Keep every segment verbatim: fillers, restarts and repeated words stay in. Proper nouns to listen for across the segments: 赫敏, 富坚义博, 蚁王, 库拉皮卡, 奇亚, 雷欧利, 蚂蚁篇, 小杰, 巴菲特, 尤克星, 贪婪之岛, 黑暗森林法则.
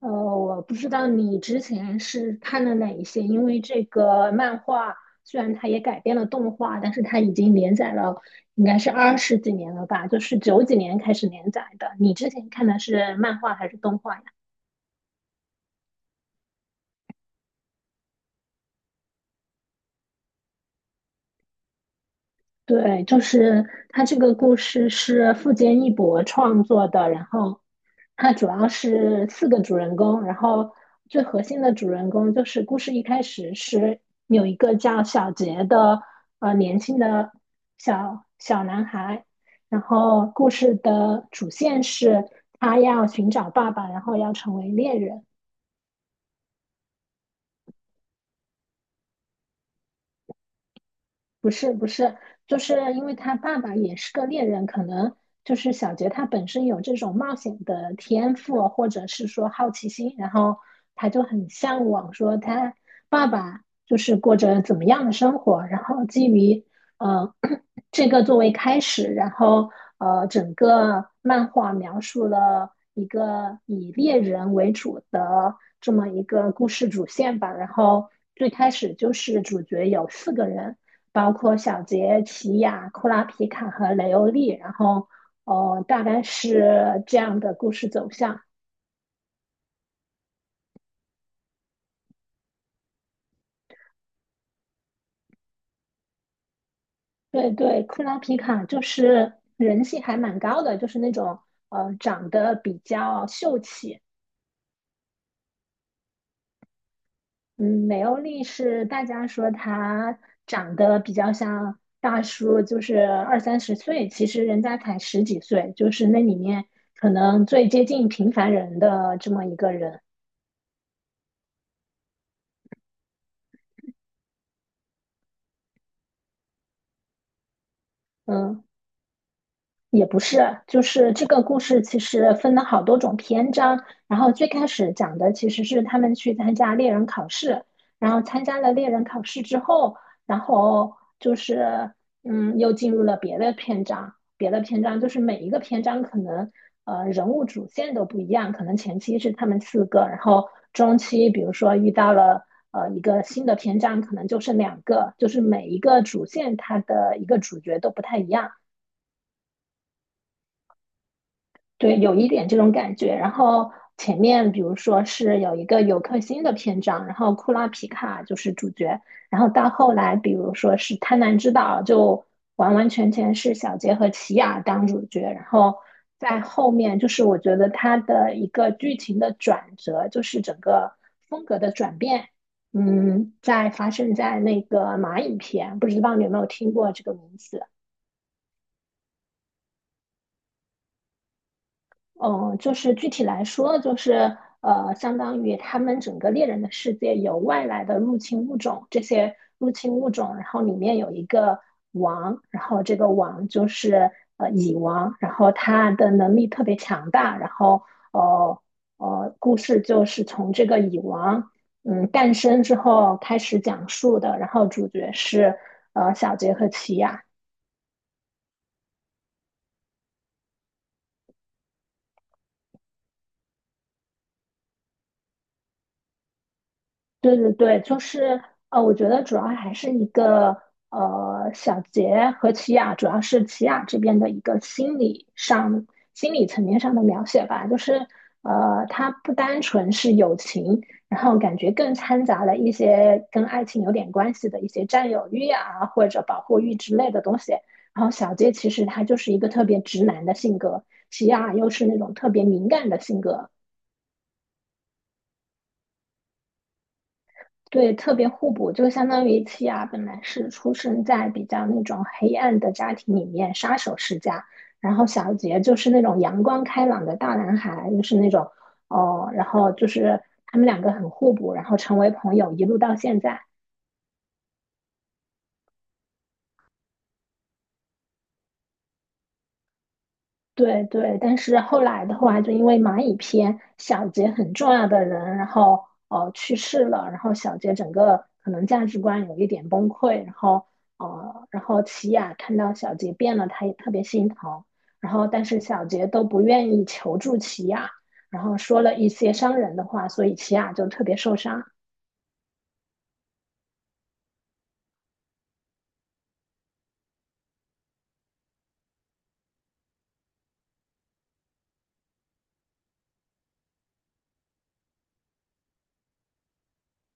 呃，我不知道你之前是看了哪一些，因为这个漫画虽然它也改编了动画，但是它已经连载了，应该是二十几年了吧，就是九几年开始连载的。你之前看的是漫画还是动画呀？对，就是他这个故事是富坚义博创作的，然后他主要是四个主人公，然后最核心的主人公就是故事一开始是有一个叫小杰的呃年轻的小小男孩，然后故事的主线是他要寻找爸爸，然后要成为猎人。不是不是，就是因为他爸爸也是个猎人，可能就是小杰他本身有这种冒险的天赋，或者是说好奇心，然后他就很向往说他爸爸就是过着怎么样的生活，然后基于呃 这个作为开始，然后呃整个漫画描述了一个以猎人为主的这么一个故事主线吧，然后最开始就是主角有四个人。包括小杰、奇亚、库拉皮卡和雷欧利，然后哦，大概是这样的故事走向。对对，库拉皮卡就是人气还蛮高的，就是那种呃长得比较秀气。嗯，雷欧利是大家说他长得比较像大叔，就是二三十岁，其实人家才十几岁，就是那里面可能最接近平凡人的这么一个人。嗯。也不是，就是这个故事其实分了好多种篇章，然后最开始讲的其实是他们去参加猎人考试，然后参加了猎人考试之后，然后就是嗯，又进入了别的篇章，别的篇章就是每一个篇章可能呃人物主线都不一样，可能前期是他们四个，然后中期比如说遇到了呃一个新的篇章，可能就剩两个，就是每一个主线它的一个主角都不太一样。对，有一点这种感觉。然后前面比如说是有一个尤克星的篇章，然后库拉皮卡就是主角，然后到后来比如说是贪婪之岛，就完完全全是小杰和奇亚当主角。然后在后面就是我觉得他的一个剧情的转折，就是整个风格的转变，嗯，在发生在那个蚂蚁篇，不知道你有没有听过这个名字？嗯，呃就是具体来说，就是呃，相当于他们整个猎人的世界有外来的入侵物种，这些入侵物种，然后里面有一个王，然后这个王就是呃蚁王，然后他的能力特别强大，然后呃呃，故事就是从这个蚁王嗯诞生之后开始讲述的，然后主角是呃小杰和奇亚。对对对，就是呃，我觉得主要还是一个呃，小杰和齐雅，主要是齐雅这边的一个心理上、心理层面上的描写吧，就是呃，它不单纯是友情，然后感觉更掺杂了一些跟爱情有点关系的一些占有欲啊，或者保护欲之类的东西。然后小杰其实他就是一个特别直男的性格，齐雅又是那种特别敏感的性格，对，特别互补，就相当于契亚本来是出生在比较那种黑暗的家庭里面，杀手世家，然后小杰就是那种阳光开朗的大男孩，就是那种哦，然后就是他们两个很互补，然后成为朋友，一路到现在。对对，但是后来的话，就因为蚂蚁篇，小杰很重要的人，然后呃去世了，然后小杰整个可能价值观有一点崩溃，然后呃，然后琪雅看到小杰变了，她也特别心疼，然后但是小杰都不愿意求助琪雅，然后说了一些伤人的话，所以琪雅就特别受伤。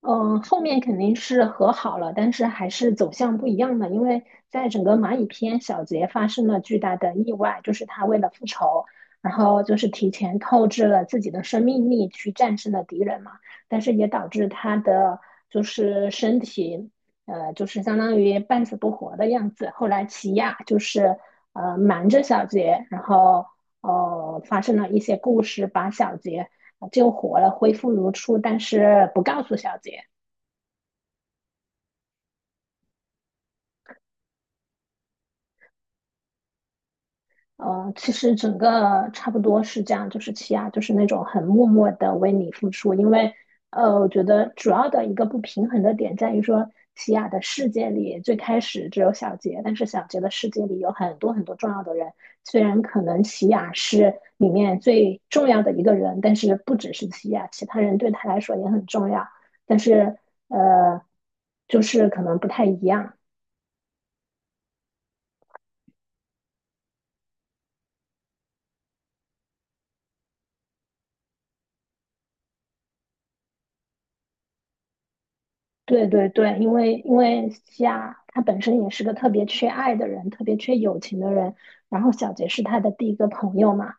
嗯，后面肯定是和好了，但是还是走向不一样的，因为在整个蚂蚁篇，小杰发生了巨大的意外，就是他为了复仇，然后就是提前透支了自己的生命力去战胜了敌人嘛，但是也导致他的就是身体，呃，就是相当于半死不活的样子。后来奇亚就是呃瞒着小杰，然后呃发生了一些故事，把小杰救活了，恢复如初，但是不告诉小杰。呃，其实整个差不多是这样，就是奇亚就是那种很默默的为你付出，因为呃，我觉得主要的一个不平衡的点在于说，奇亚的世界里最开始只有小杰，但是小杰的世界里有很多很多重要的人，虽然可能奇亚是里面最重要的一个人，但是不只是奇亚，其他人对他来说也很重要，但是呃，就是可能不太一样。对对对，因为因为西亚他本身也是个特别缺爱的人，特别缺友情的人，然后小杰是他的第一个朋友嘛，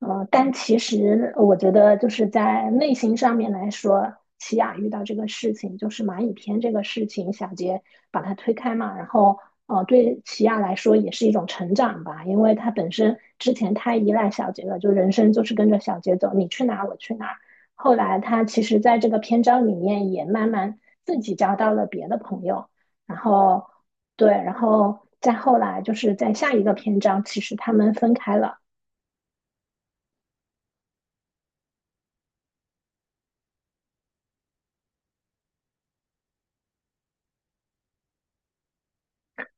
呃，但其实我觉得，就是在内心上面来说，奇雅遇到这个事情，就是蚂蚁篇这个事情，小杰把它推开嘛，然后呃，对奇雅来说也是一种成长吧，因为他本身之前太依赖小杰了，就人生就是跟着小杰走，你去哪我去哪。后来他其实在这个篇章里面也慢慢自己交到了别的朋友，然后对，然后再后来就是在下一个篇章，其实他们分开了。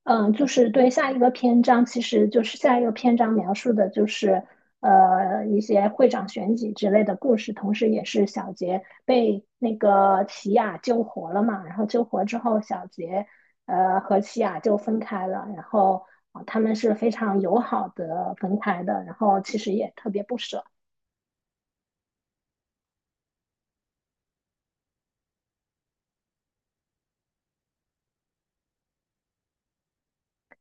嗯，就是对下一个篇章，其实就是下一个篇章描述的就是呃一些会长选举之类的故事，同时也是小杰被那个奇雅救活了嘛，然后救活之后，小杰呃和奇雅就分开了，然后呃他们是非常友好的分开的，然后其实也特别不舍。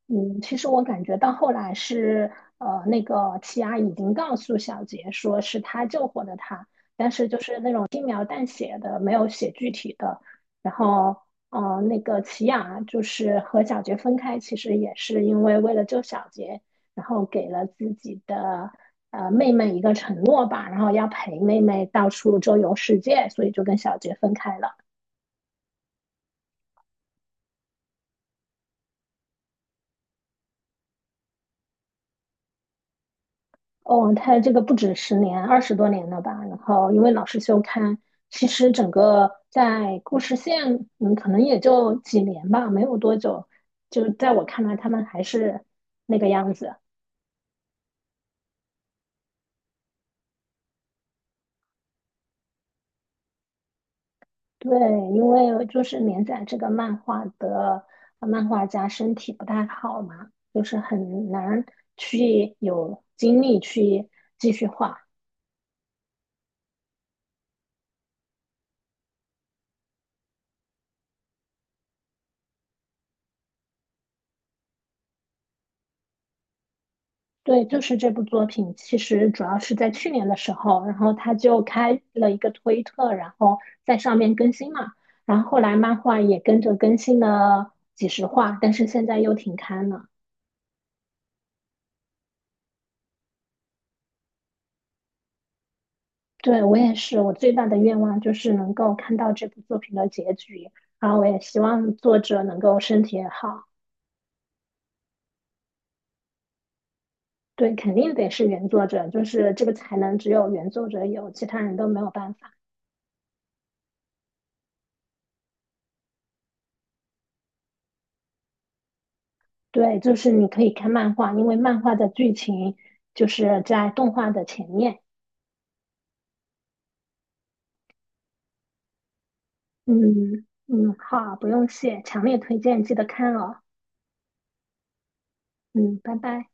嗯，其实我感觉到后来是，呃，那个齐阿已经告诉小杰说是他救活的他，但是就是那种轻描淡写的，没有写具体的。然后，呃，那个齐雅就是和小杰分开，其实也是因为为了救小杰，然后给了自己的呃妹妹一个承诺吧，然后要陪妹妹到处周游世界，所以就跟小杰分开了。哦，他这个不止十年，二十多年了吧？然后因为老是休刊，其实整个在故事线，嗯，可能也就几年吧，没有多久。就在我看来，他们还是那个样子。对，因为就是连载这个漫画的呃漫画家身体不太好嘛，就是很难去有精力去继续画。对，就是这部作品，其实主要是在去年的时候，然后他就开了一个推特，然后在上面更新嘛，然后后来漫画也跟着更新了几十话，但是现在又停刊了。对，我也是，我最大的愿望就是能够看到这部作品的结局，然后我也希望作者能够身体也好。对，肯定得是原作者，就是这个才能只有原作者有，其他人都没有办法。对，就是你可以看漫画，因为漫画的剧情就是在动画的前面。嗯嗯，好，不用谢，强烈推荐，记得看哦。嗯，拜拜。